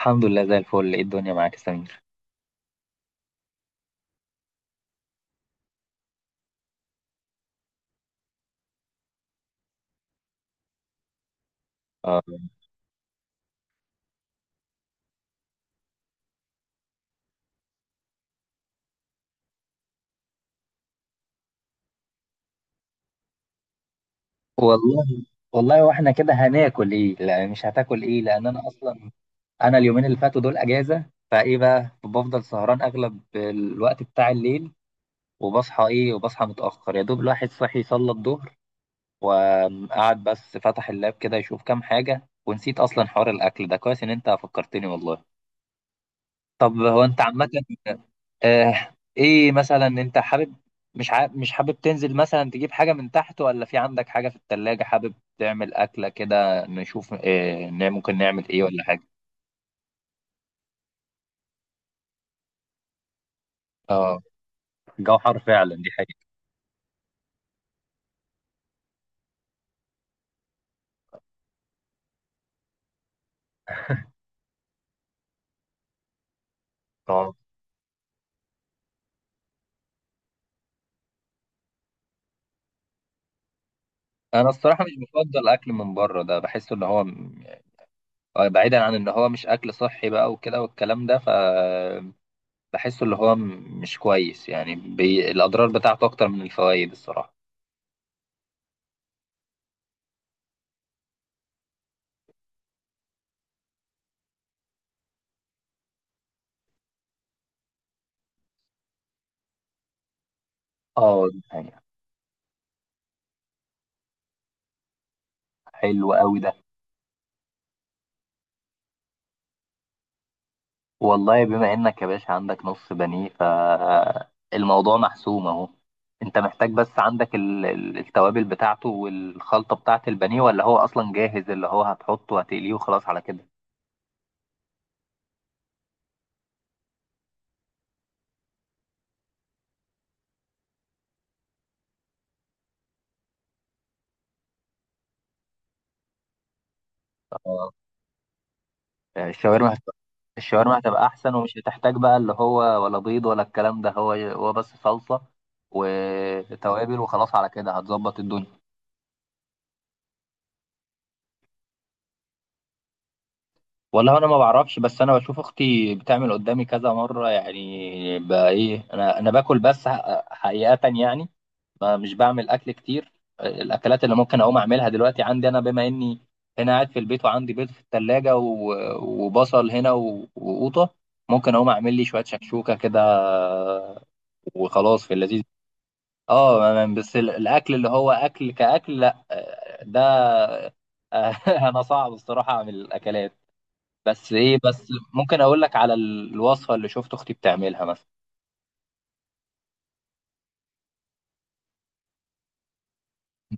الحمد لله زي الفل. ايه الدنيا معاك يا سمير؟ آه. والله، والله واحنا كده هناكل ايه؟ لا، مش هتاكل ايه، لان انا اصلا، اليومين اللي فاتوا دول اجازه. فايه بقى، بفضل سهران اغلب الوقت بتاع الليل، وبصحى متاخر، يا دوب الواحد صحي صلى الظهر وقعد، بس فتح اللاب كده يشوف كام حاجه، ونسيت اصلا حوار الاكل ده. كويس ان انت فكرتني والله. طب هو انت عامة، ايه مثلا، انت حابب مش حابب تنزل مثلا تجيب حاجة من تحت، ولا في عندك حاجة في التلاجة حابب تعمل أكلة كده، نشوف إيه ممكن نعمل ايه ولا حاجة؟ اه، الجو حر فعلا، دي حقيقة. اه، انا الصراحة مش بفضل اكل من بره، ده بحس ان هو بعيدا عن ان هو مش اكل صحي بقى وكده والكلام ده، فبحسه اللي هو مش كويس، يعني الاضرار بتاعته اكتر من الفوائد الصراحة. اه، دي حقيقة. حلو قوي ده. والله بما انك يا باشا عندك نص بنيه، فالموضوع محسوم اهو. انت محتاج بس، عندك التوابل بتاعته والخلطه بتاعه البانيه، ولا هو اصلا جاهز اللي هو هتحطه وهتقليه وخلاص على كده؟ آه. الشاورما الشاورما هتبقى احسن، ومش هتحتاج بقى اللي هو ولا بيض ولا الكلام ده، هو بس صلصه وتوابل، وخلاص على كده هتظبط الدنيا. والله انا ما بعرفش، بس انا بشوف اختي بتعمل قدامي كذا مره، يعني بقى ايه، انا باكل بس حقيقه يعني، ما مش بعمل اكل كتير. الاكلات اللي ممكن اقوم اعملها دلوقتي عندي، انا بما اني هنا قاعد في البيت وعندي بيض في الثلاجه وبصل هنا وقوطه، ممكن اقوم اعمل لي شويه شكشوكه كده وخلاص، في اللذيذ. اه، بس الاكل اللي هو اكل كاكل، لا، ده انا صعب الصراحه اعمل الاكلات، بس ايه، بس ممكن اقول لك على الوصفة اللي شفت اختي بتعملها مثلا.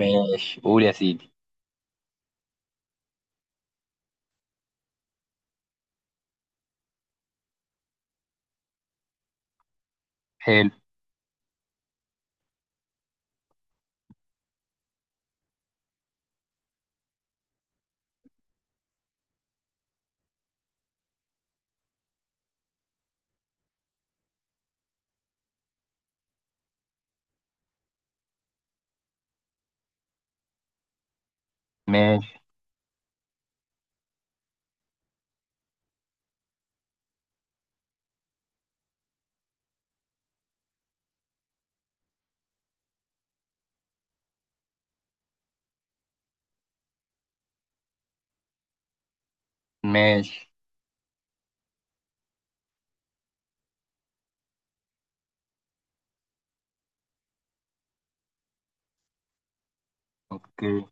ماشي، قول يا سيدي. حلو. ماشي. ماشي. اوكي.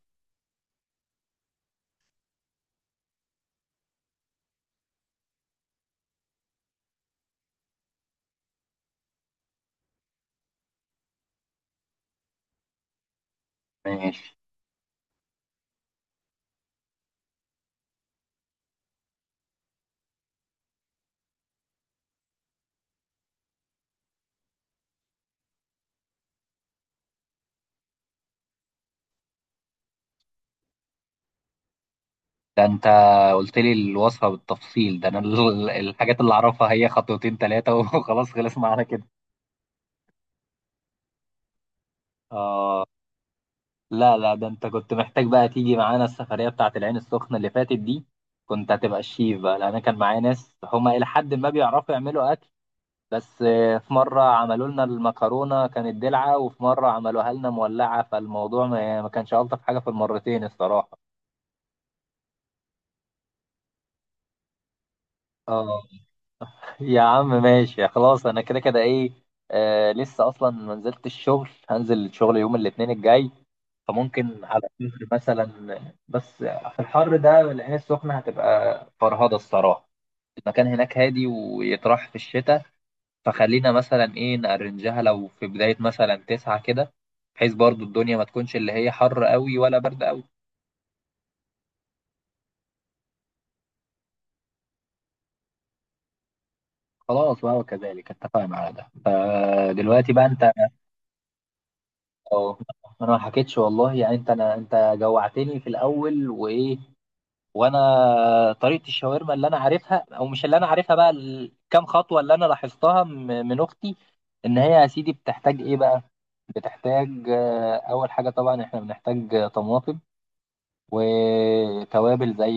ماشي. ده انت قلت لي الوصفة بالتفصيل، ده انا الحاجات اللي اعرفها هي خطوتين ثلاثة وخلاص، خلص معانا كده. اه. لا، لا، ده انت كنت محتاج بقى تيجي معانا السفرية بتاعت العين السخنة اللي فاتت دي، كنت هتبقى الشيف بقى، لان أنا كان معايا ناس هما الى حد ما بيعرفوا يعملوا اكل، بس في مرة عملوا لنا المكرونة كانت دلعة، وفي مرة عملوها لنا مولعة، فالموضوع ما يعني، ما كانش ألطف حاجة في المرتين الصراحة. اه، يا عم ماشي خلاص، أنا كده كده إيه، آه لسه أصلا ما نزلت الشغل، هنزل الشغل يوم الاثنين الجاي، فممكن على الظهر مثلا، بس في الحر ده العين السخنة هتبقى فرهضة الصراحة. المكان هناك هادي ويطرح في الشتاء، فخلينا مثلا ايه نأرنجها لو في بداية مثلا 9 كده، بحيث برضو الدنيا ما تكونش اللي هي حر قوي ولا برد قوي. خلاص بقى، وكذلك اتفقنا على ده. فدلوقتي بقى انت أو- انا ما حكيتش والله، يعني انت، انا، انت جوعتني في الاول وايه، وانا، طريقة الشاورما اللي انا عارفها، او مش اللي انا عارفها بقى، الكام خطوة اللي انا لاحظتها من اختي، ان هي يا سيدي بتحتاج ايه بقى؟ بتحتاج اول حاجة، طبعا احنا بنحتاج طماطم وتوابل، زي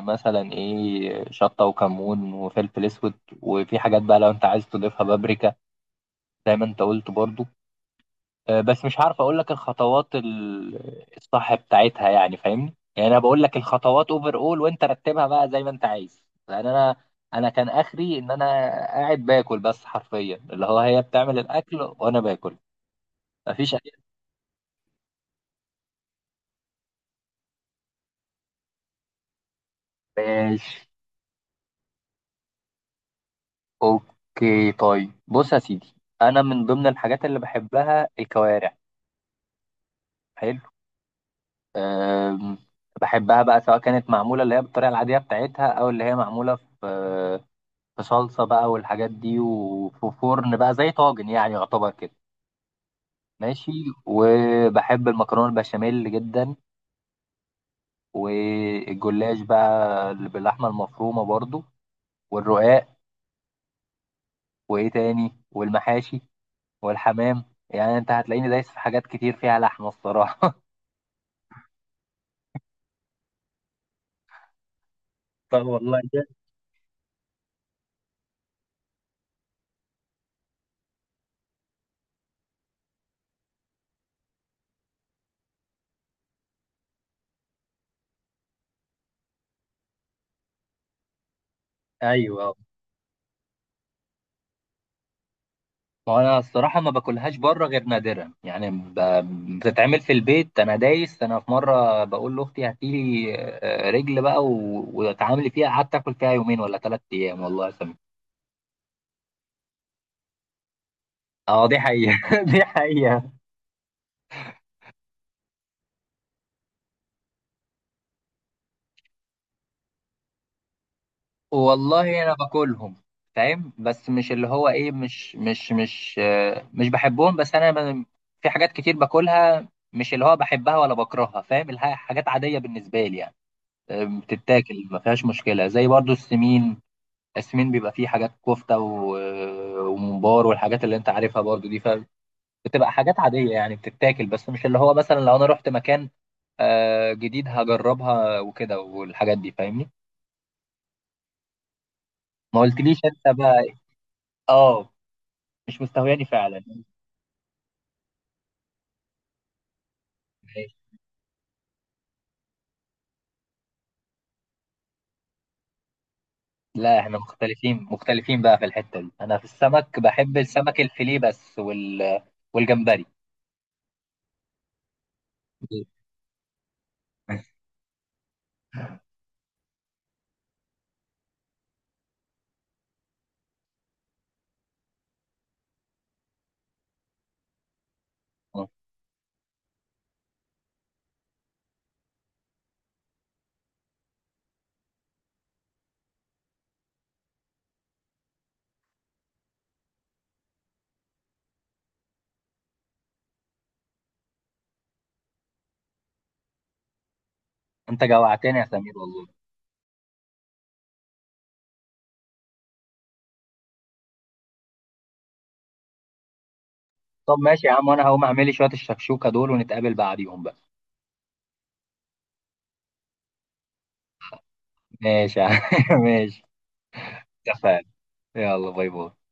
مثلا ايه شطة وكمون وفلفل اسود، وفي حاجات بقى لو انت عايز تضيفها، بابريكا زي ما انت قلت برضو. بس مش عارف اقول لك الخطوات الصح بتاعتها، يعني فاهمني، يعني انا بقول لك الخطوات اوفر اول، وانت رتبها بقى زي ما انت عايز، لان انا كان اخري ان انا قاعد باكل بس، حرفيا اللي هو هي بتعمل الاكل وانا باكل. مفيش ماشي، اوكي، طيب بص يا سيدي، انا من ضمن الحاجات اللي بحبها الكوارع. حلو. أم، بحبها بقى، سواء كانت معموله اللي هي بالطريقه العاديه بتاعتها، او اللي هي معموله في في صلصه بقى والحاجات دي، وفي فرن بقى زي طاجن يعني، يعتبر كده. ماشي. وبحب المكرونه البشاميل جدا، والجلاش بقى اللي باللحمه المفرومه برضو، والرقاق، وايه تاني، والمحاشي، والحمام، يعني انت هتلاقيني دايس في حاجات كتير فيها لحمه الصراحه. طب والله جامد. ايوه، وانا الصراحه ما باكلهاش بره غير نادرا، يعني بتتعمل في البيت، انا دايس. انا في مره بقول لاختي هاتي لي رجل بقى واتعاملي فيها، قعدت اكل فيها يومين ولا 3 ايام والله يا سمير. اه، دي حقيقه. دي حقيقه. والله انا باكلهم، فاهم، بس مش اللي هو ايه، مش بحبهم، بس انا في حاجات كتير باكلها، مش اللي هو بحبها ولا بكرهها، فاهم، حاجات عاديه بالنسبه لي يعني، بتتاكل ما فيهاش مشكله، زي برضو السمين. السمين بيبقى فيه حاجات، كفته وممبار والحاجات اللي انت عارفها برضو دي، فبتبقى حاجات عاديه يعني، بتتاكل، بس مش اللي هو مثلا لو انا رحت مكان جديد هجربها وكده والحاجات دي، فاهمني. ما قلتليش انت بقى. اه. مش مستهواني فعلا. لا، احنا مختلفين، مختلفين بقى في الحته دي، انا في السمك بحب السمك الفيليه بس، والجمبري. انت جوعتني يا سمير والله. طب ماشي يا عم، وانا هقوم اعمل لي شوية الشكشوكة دول، ونتقابل بعديهم بقى. ماشي يا عم. ماشي. اتفقنا. يلا باي باي.